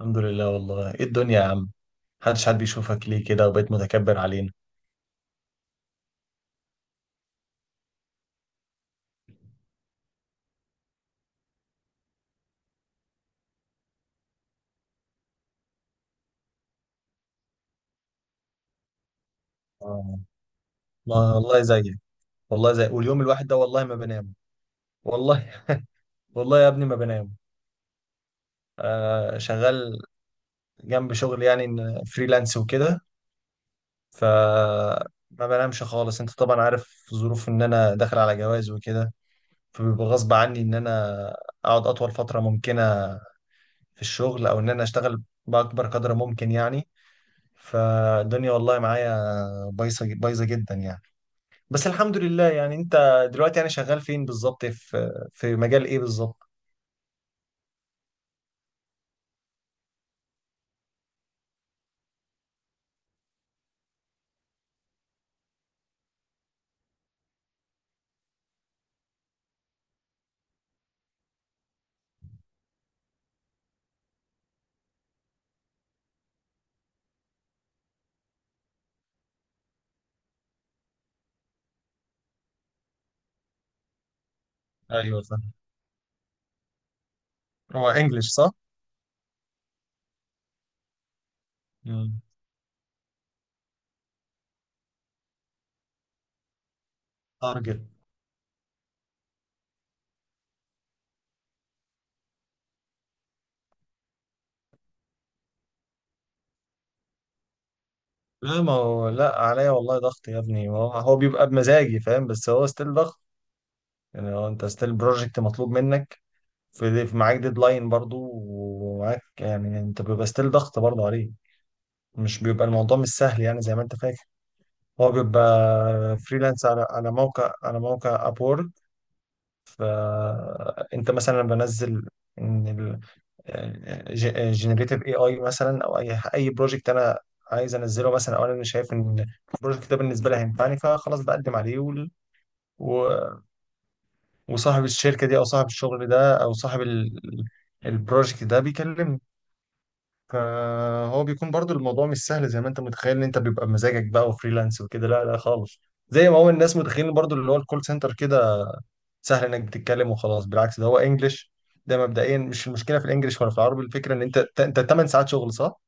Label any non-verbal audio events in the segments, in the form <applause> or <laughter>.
الحمد لله. والله ايه الدنيا يا عم؟ محدش حد بيشوفك ليه كده وبقيت متكبر علينا؟ آه. ما والله زيك، والله زي واليوم الواحد ده، والله ما بنام، والله، والله يا ابني ما بنام، آه شغال جنب شغل، يعني إن فريلانس وكده. ف ما بنامش خالص. انت طبعا عارف ظروف ان انا داخل على جواز وكده، فبيبقى غصب عني ان انا اقعد اطول فترة ممكنة في الشغل، او ان انا اشتغل باكبر قدر ممكن يعني. فالدنيا والله معايا بايظه بايظه جدا يعني. بس الحمد لله. يعني انت دلوقتي يعني شغال فين بالظبط، في مجال ايه بالظبط؟ ايوه صح. هو انجلش صح؟ مم. ارجل. لا ما هو لا، عليا والله ضغط يا ابني، هو بيبقى بمزاجي فاهم، بس هو ستيل ضغط يعني. هو انت ستيل بروجكت مطلوب منك، في معاك ديدلاين برضو، ومعاك يعني انت بيبقى ستيل ضغط برضو عليه، مش بيبقى الموضوع مش سهل يعني زي ما انت فاكر. هو بيبقى فريلانس على موقع، على موقع اب. فانت مثلا لما بنزل، ان الجنريتيف اي اي مثلا، او اي اي بروجكت انا عايز انزله مثلا، او انا مش شايف ان البروجكت ده بالنسبه لي هينفعني، فخلاص بقدم عليه. و- وصاحب الشركه دي، او صاحب الشغل ده، او صاحب البروجكت ده بيكلمني، فهو بيكون برضو الموضوع مش سهل زي ما انت متخيل، ان انت بيبقى بمزاجك بقى وفريلانس وكده، لا لا خالص. زي ما هو الناس متخيلين برضو اللي هو الكول سنتر كده، سهل انك بتتكلم وخلاص، بالعكس ده هو انجلش. ده مبدئيا مش المشكله في الانجليش ولا في العربي، الفكره ان انت 8 ساعات شغل صح،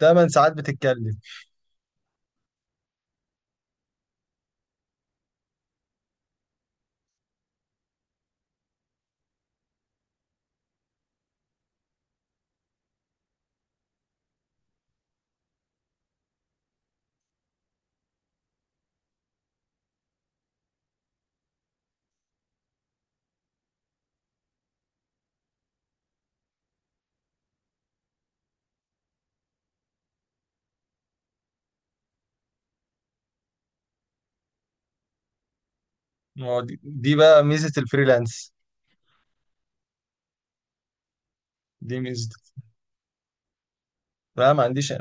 8 ساعات بتتكلم. ما هو دي بقى ميزه الفريلانس. دي ميزه. لا ما عنديش.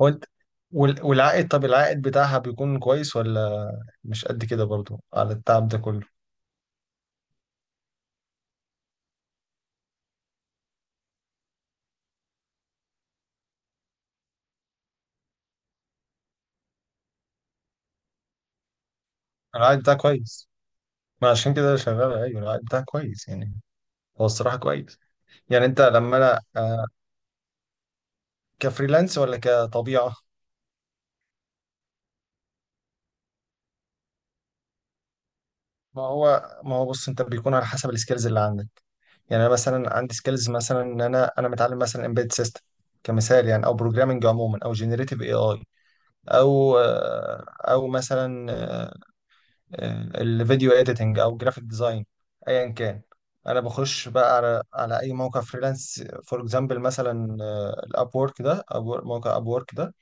هو انت والعائد، طب العائد بتاعها بيكون كويس، ولا مش قد كده برضو على التعب ده كله؟ العائد بتاعها كويس. ما عشان كده شغال. ايوه العائد بتاعها كويس يعني، هو الصراحه كويس. يعني انت لما انا كفريلانس ولا كطبيعه؟ ما هو ما هو بص، انت بيكون على حسب السكيلز اللي عندك، يعني انا مثلا عندي سكيلز مثلا، ان انا متعلم مثلا امبيد سيستم كمثال يعني، او بروجرامنج عموما، او جنريتيف اي اي، او او مثلا الفيديو اديتنج، او جرافيك ديزاين، ايا كان. انا بخش بقى على اي موقع فريلانس فور اكزامبل. مثلا الاب وورك ده، موقع اب وورك ده،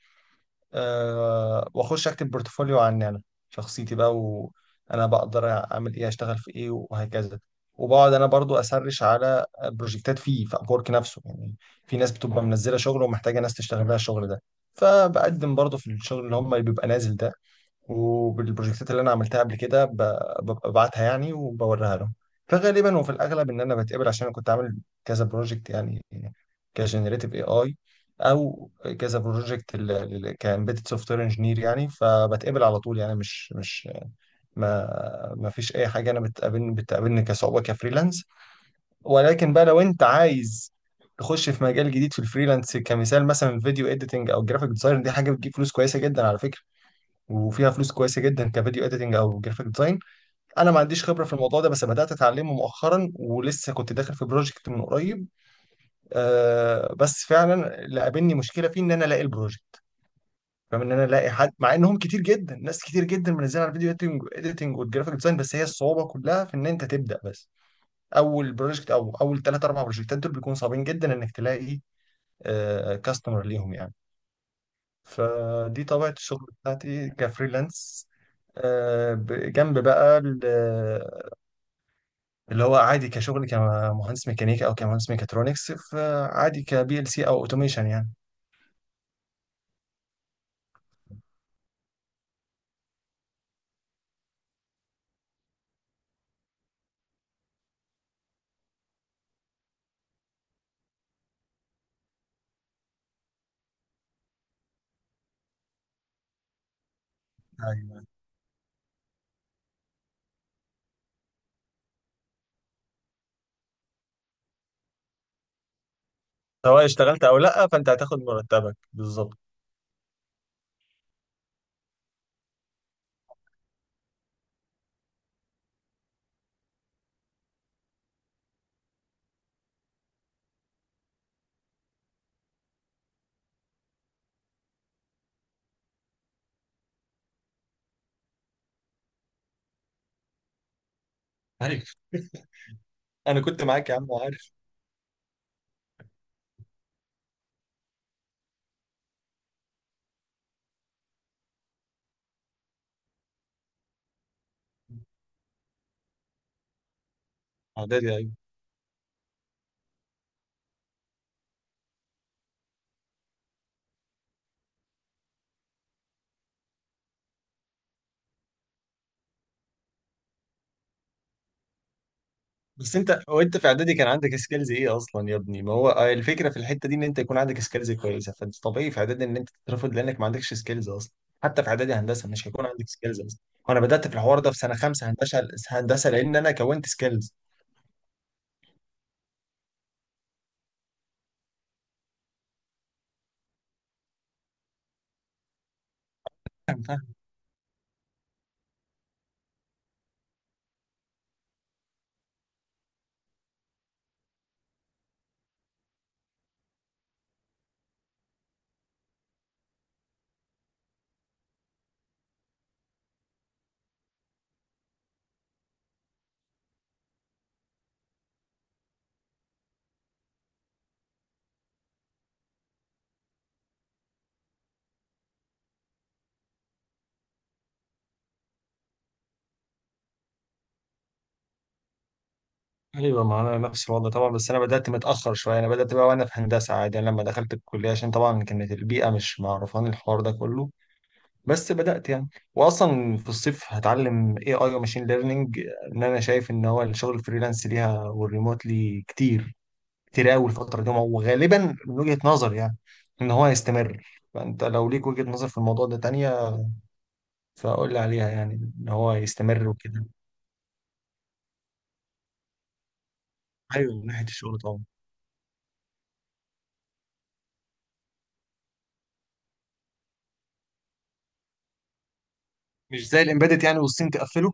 أه، واخش اكتب بورتفوليو عني انا شخصيتي بقى، وانا بقدر اعمل ايه، اشتغل في ايه، وهكذا. وبقعد انا برضو اسرش على بروجكتات فيه في ابورك نفسه يعني، في ناس بتبقى منزله شغل ومحتاجه ناس تشتغل لها الشغل ده، فبقدم برضو في الشغل اللي بيبقى نازل ده، وبالبروجكتات اللي انا عملتها قبل كده، ببقى ببعتها يعني وبوريها لهم. فغالبا وفي الاغلب ان انا بتقبل، عشان انا كنت عامل كذا بروجكت يعني كجنريتيف اي اي، او كذا بروجكت كامبيدد سوفت وير انجينير يعني، فبتقبل على طول يعني. مش ما ما فيش اي حاجه انا بتقابلني كصعوبه كفريلانس. ولكن بقى لو انت عايز تخش في مجال جديد في الفريلانس كمثال، مثلا الفيديو اديتنج او الجرافيك ديزاين، دي حاجه بتجيب فلوس كويسه جدا على فكره، وفيها فلوس كويسه جدا كفيديو اديتنج او جرافيك ديزاين. انا ما عنديش خبره في الموضوع ده، بس بدات اتعلمه مؤخرا، ولسه كنت داخل في بروجكت من قريب، آه. بس فعلا اللي قابلني مشكله فيه، ان انا الاقي البروجكت، فاهم، ان انا الاقي حد، مع انهم كتير جدا، ناس كتير جدا منزلين على الفيديو اديتنج والجرافيك ديزاين، بس هي الصعوبه كلها في ان انت تبدا بس. اول بروجكت، او اول 3 او 4 بروجكتات دول، بيكونوا صعبين جدا انك تلاقي آه كاستمر ليهم يعني. فدي طبيعة الشغل بتاعتي كفريلانس. جنب بقى اللي هو عادي كشغل، كمهندس ميكانيكا، او كمهندس ميكاترونكس، فعادي كبي ال سي، او اوتوميشن يعني. ايوه، سواء اشتغلت او لا فانت هتاخد مرتبك بالظبط. عارف. انا كنت معاك يا عم، عارف. اعدادي. بس انت، هو انت في اعدادي كان عندك سكيلز ايه اصلا يا ابني؟ ما هو الفكره في الحته دي، ان انت يكون عندك سكيلز كويسه، فانت طبيعي في اعدادي ان انت تترفض، لانك ما عندكش سكيلز اصلا. حتى في اعدادي هندسه مش هيكون عندك سكيلز اصلا. وانا بدات في الحوار ده في سنه 5 هندسه. لان انا كونت سكيلز. <laughs> فاهم فاهم. ايوه، ما انا نفس الوضع طبعا، بس انا بدات متاخر شويه. انا بدات بقى وانا في هندسه عادي، انا لما دخلت الكليه، عشان طبعا كانت البيئه مش معرفاني الحوار ده كله، بس بدأت يعني. واصلا في الصيف هتعلم اي اي وماشين ليرنينج، ان انا شايف ان هو الشغل الفريلانس ليها والريموتلي كتير، كتير قوي الفترة دي، وغالبا من وجهة نظر يعني ان هو هيستمر. فانت لو ليك وجهة نظر في الموضوع ده تانية فقول لي عليها يعني، ان هو هيستمر وكده. ايوه من ناحية الشغل طبعا. مش زي الامبيدد يعني، والصين تقفله.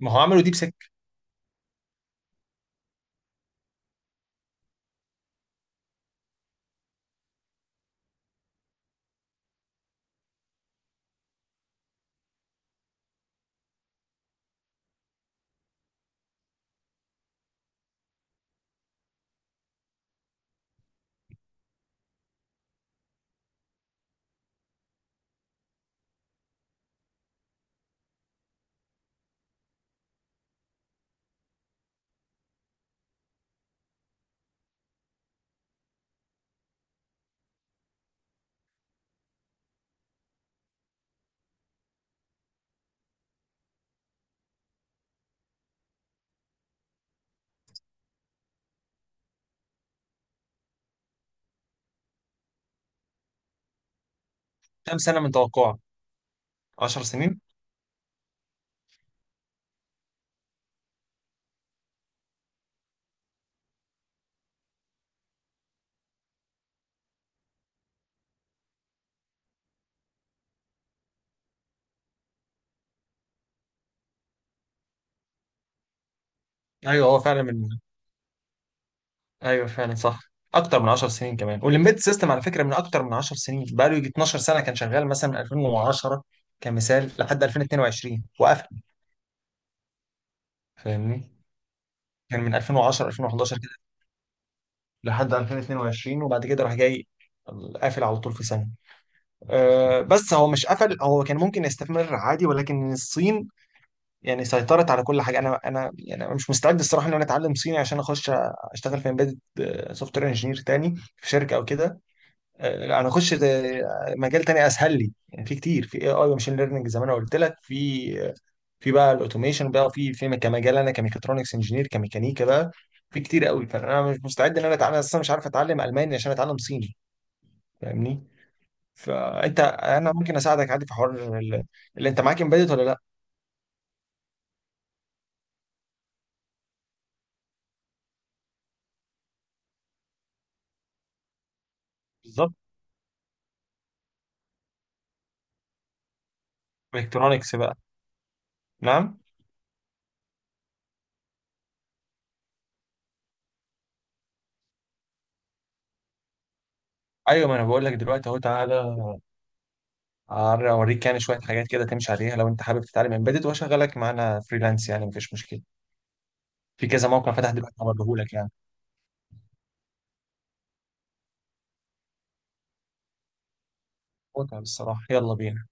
ما هو عملوا دي بسكة. كام سنة من توقعه؟ 10 سنين. ايوه هو فعلا ايوه فعلا صح، اكتر من 10 سنين كمان. والامبيد سيستم على فكره من اكتر من 10 سنين بقى له، يجي 12 سنه كان شغال، مثلا من 2010 كمثال، لحد 2022 وقفل. فاهمني، كان من 2010 2011 كده لحد 2022. وبعد كده راح جاي قافل على طول في سنه. أه، بس هو مش قفل، هو كان ممكن يستمر عادي، ولكن الصين يعني سيطرت على كل حاجه. انا يعني أنا مش مستعد الصراحه ان انا اتعلم صيني عشان اخش اشتغل في امبيد سوفت وير انجينير تاني في شركه او كده. انا اخش مجال تاني اسهل لي يعني. في كتير في اي اي وماشين ليرننج زي ما انا قلت لك، في في بقى الاوتوميشن بقى، في كمجال انا كميكاترونكس انجينير، كميكانيكا بقى، في كتير قوي. فانا مش مستعد ان انا اتعلم اصلا، مش عارف اتعلم الماني عشان اتعلم صيني. فاهمني؟ فانت انا ممكن اساعدك عادي في حوار ال- اللي انت معاك امبيدد ولا لا. بالظبط. الكترونكس بقى. نعم. ايوه، ما انا بقول لك دلوقتي اهو، تعالى اوريك يعني شويه حاجات كده تمشي عليها، لو انت حابب تتعلم امبيدد واشغلك معانا فريلانس يعني مفيش مشكله. في كذا موقع فتح دلوقتي هوريهولك يعني. متعة بالصراحة، يلا بينا.